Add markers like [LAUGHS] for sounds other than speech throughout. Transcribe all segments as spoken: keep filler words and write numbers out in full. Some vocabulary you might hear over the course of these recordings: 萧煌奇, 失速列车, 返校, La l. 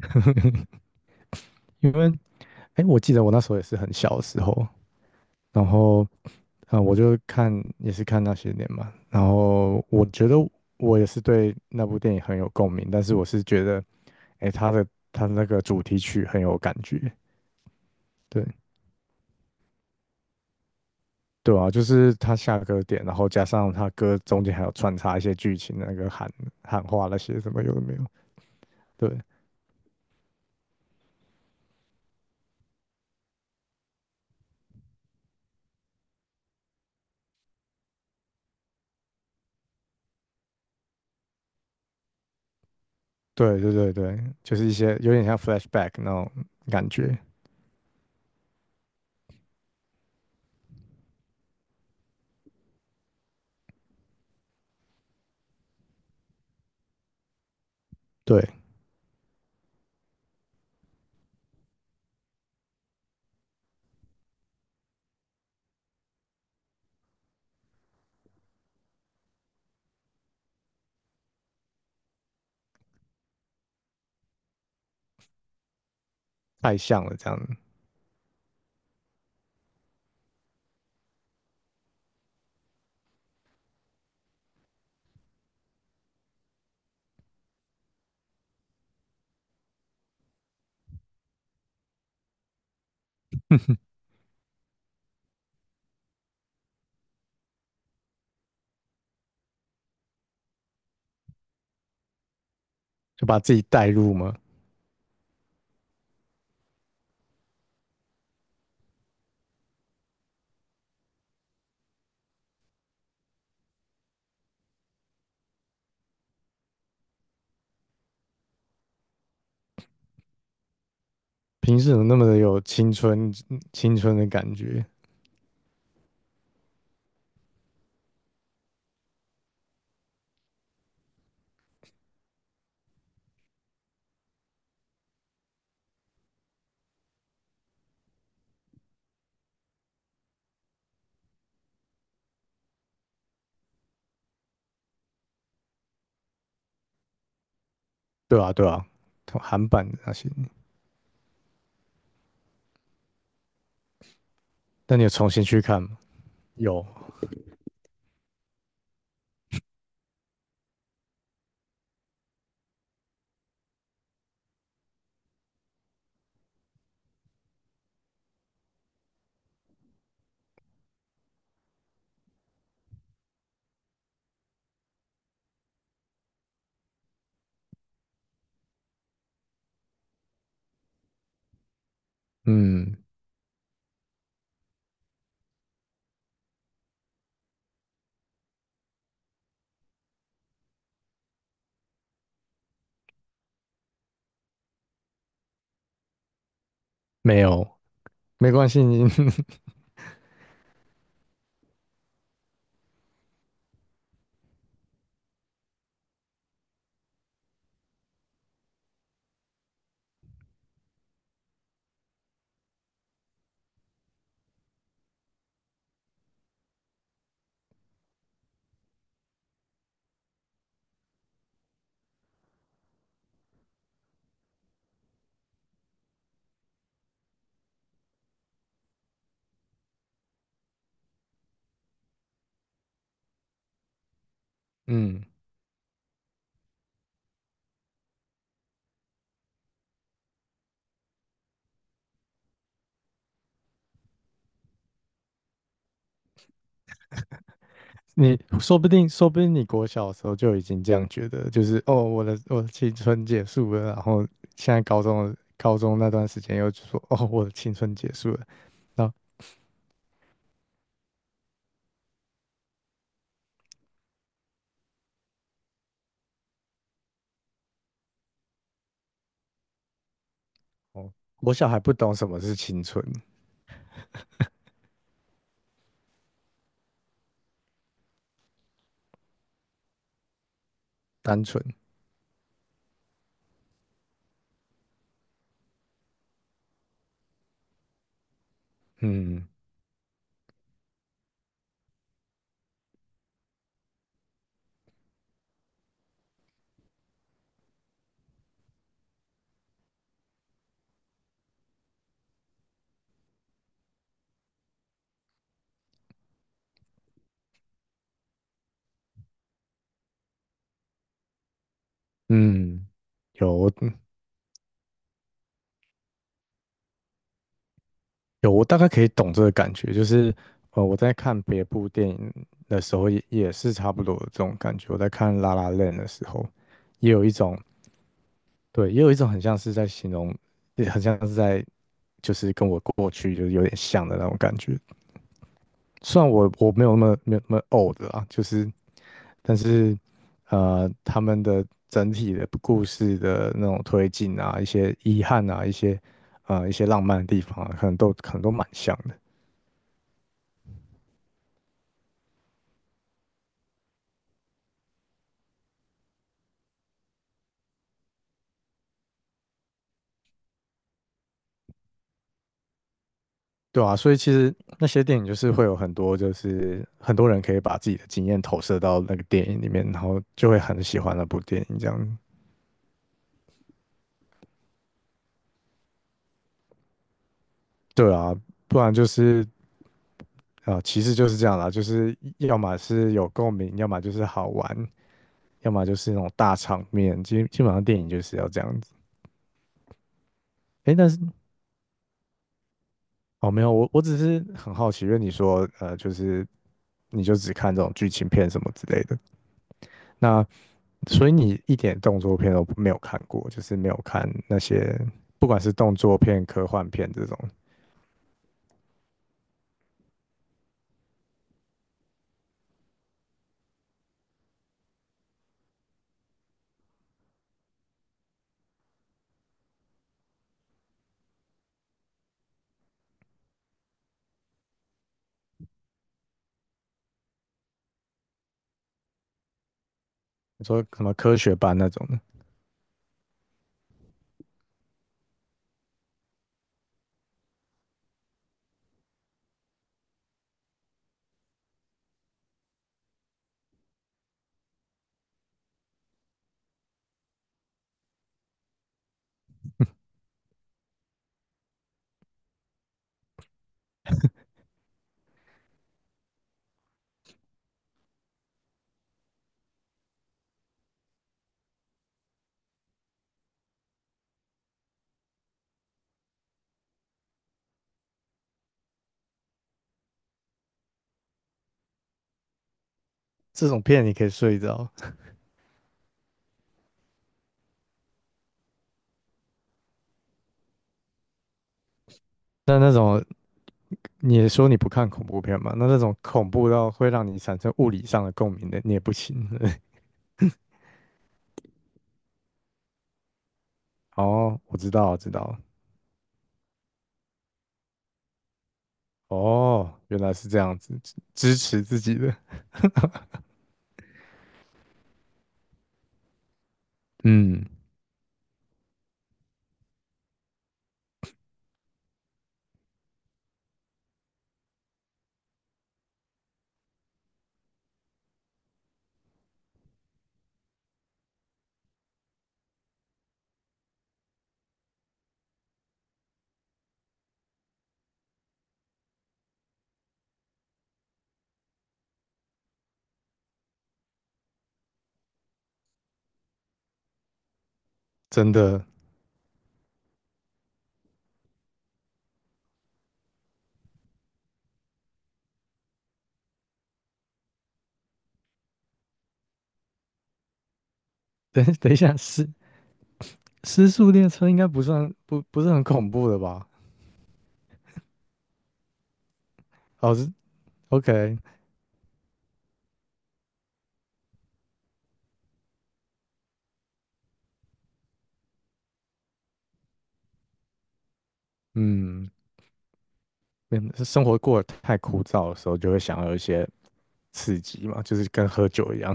[LAUGHS] 因为哎，我记得我那时候也是很小的时候，然后啊、呃我就看也是看那些年嘛，然后我觉得我也是对那部电影很有共鸣，但是我是觉得哎，他的他的那个主题曲很有感觉，对。对啊，就是他下歌点，然后加上他歌中间还有穿插一些剧情，那个喊喊话那些什么有的没有，对对对对对，就是一些有点像 flashback 那种感觉，对，太像了这样子。[LAUGHS] 就把自己代入嘛。平时怎么那么的有青春青春的感觉？对啊，对啊，韩版的那些。但你有重新去看吗？有，嗯，没有，没关系，你，[LAUGHS] 嗯，你说不定，说不定你国小的时候就已经这样觉得，就是哦，我的我的青春结束了，然后现在高中的高中那段时间又说哦，我的青春结束了，那哦，我小孩不懂什么是青春，单纯，嗯嗯，有，有，我大概可以懂这个感觉，就是呃，我在看别部电影的时候也，也是差不多的这种感觉。我在看《La l 的时候，也有一种对，也有一种很像是在形容，也很像是在就是跟我过去就是有点像的那种感觉。虽然我我没有那么没有那么 old 啊，就是但是呃，他们的整体的故事的那种推进啊，一些遗憾啊，一些呃一些浪漫的地方啊，可能都可能都蛮像的。对啊，所以其实那些电影就是会有很多，就是很多人可以把自己的经验投射到那个电影里面，然后就会很喜欢那部电影这样。对啊，不然就是啊、呃其实就是这样啦，就是要么是有共鸣，要么就是好玩，要么就是那种大场面。基基本上电影就是要这样子。诶，但是哦，没有，我我只是很好奇，因为你说呃，就是你就只看这种剧情片什么之类的。那所以你一点动作片都没有看过，就是没有看那些不管是动作片、科幻片这种。你说什么科学班那种的，这种片你可以睡着。那那种你也说你不看恐怖片嘛？那那种恐怖到会让你产生物理上的共鸣的，你也不行。[LAUGHS] 哦，我知道，我知道。哦，原来是这样子，支支持自己的，嗯，真的。等等一下，失失速列车应该不算不不是很恐怖的吧？哦，是 OK,嗯，嗯是生活过得太枯燥的时候，就会想要有一些刺激嘛，就是跟喝酒一样。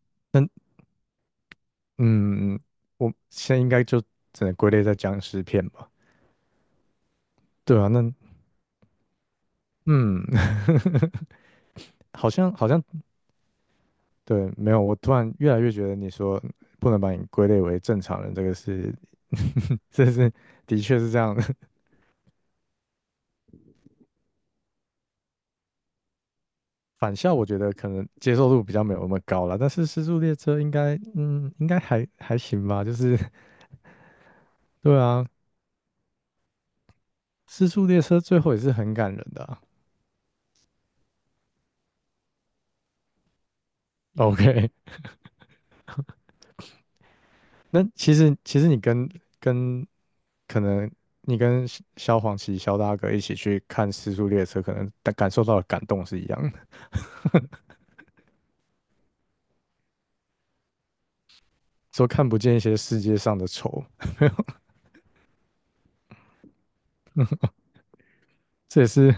[LAUGHS] 那嗯，我现在应该就只能归类在僵尸片吧？对啊，那嗯，[LAUGHS] 好像好像对，没有，我突然越来越觉得你说不能把你归类为正常人，这个是，[LAUGHS] 这是的确是这样的。[LAUGHS] 返校我觉得可能接受度比较没有那么高了，但是《失速列车》应该，嗯，应该还还行吧。就是 [LAUGHS] 对啊，《失速列车》最后也是很感人的啊 OK,[LAUGHS] 那其实其实你跟跟可能你跟萧萧煌奇、萧大哥一起去看《失速列车》，可能感感受到的感动是一样的，说看不见一些世界上的丑，这也是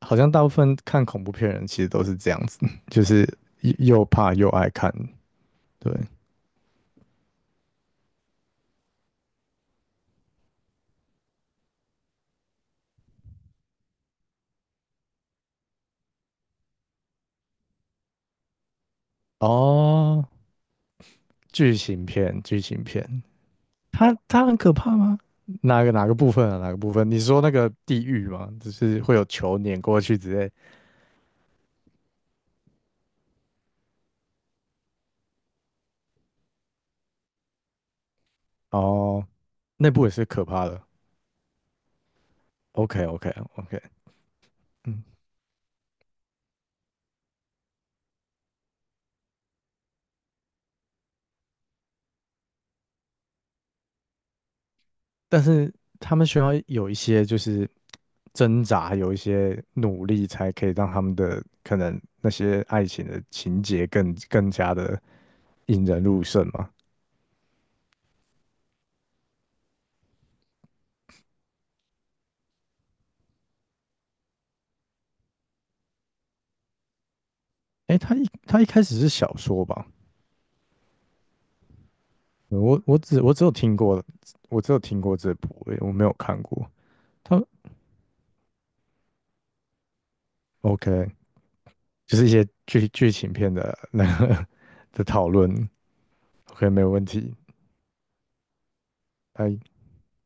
好像大部分看恐怖片人其实都是这样子，[LAUGHS] 就是又又怕又爱看。对，哦，剧情片，剧情片，它它很可怕吗？哪个哪个部分啊？哪个部分？你说那个地狱吗？就是会有球碾过去之类。哦，那部也是可怕的。OK OK OK,嗯，但是他们需要有一些就是挣扎，有一些努力，才可以让他们的可能那些爱情的情节更更加的引人入胜嘛。哎，他一他一开始是小说吧？我我只我只有听过，我只有听过这部，诶我没有看过。他 OK,就是一些剧剧情片的那个 [LAUGHS] 的讨论。OK,没有问题。哎，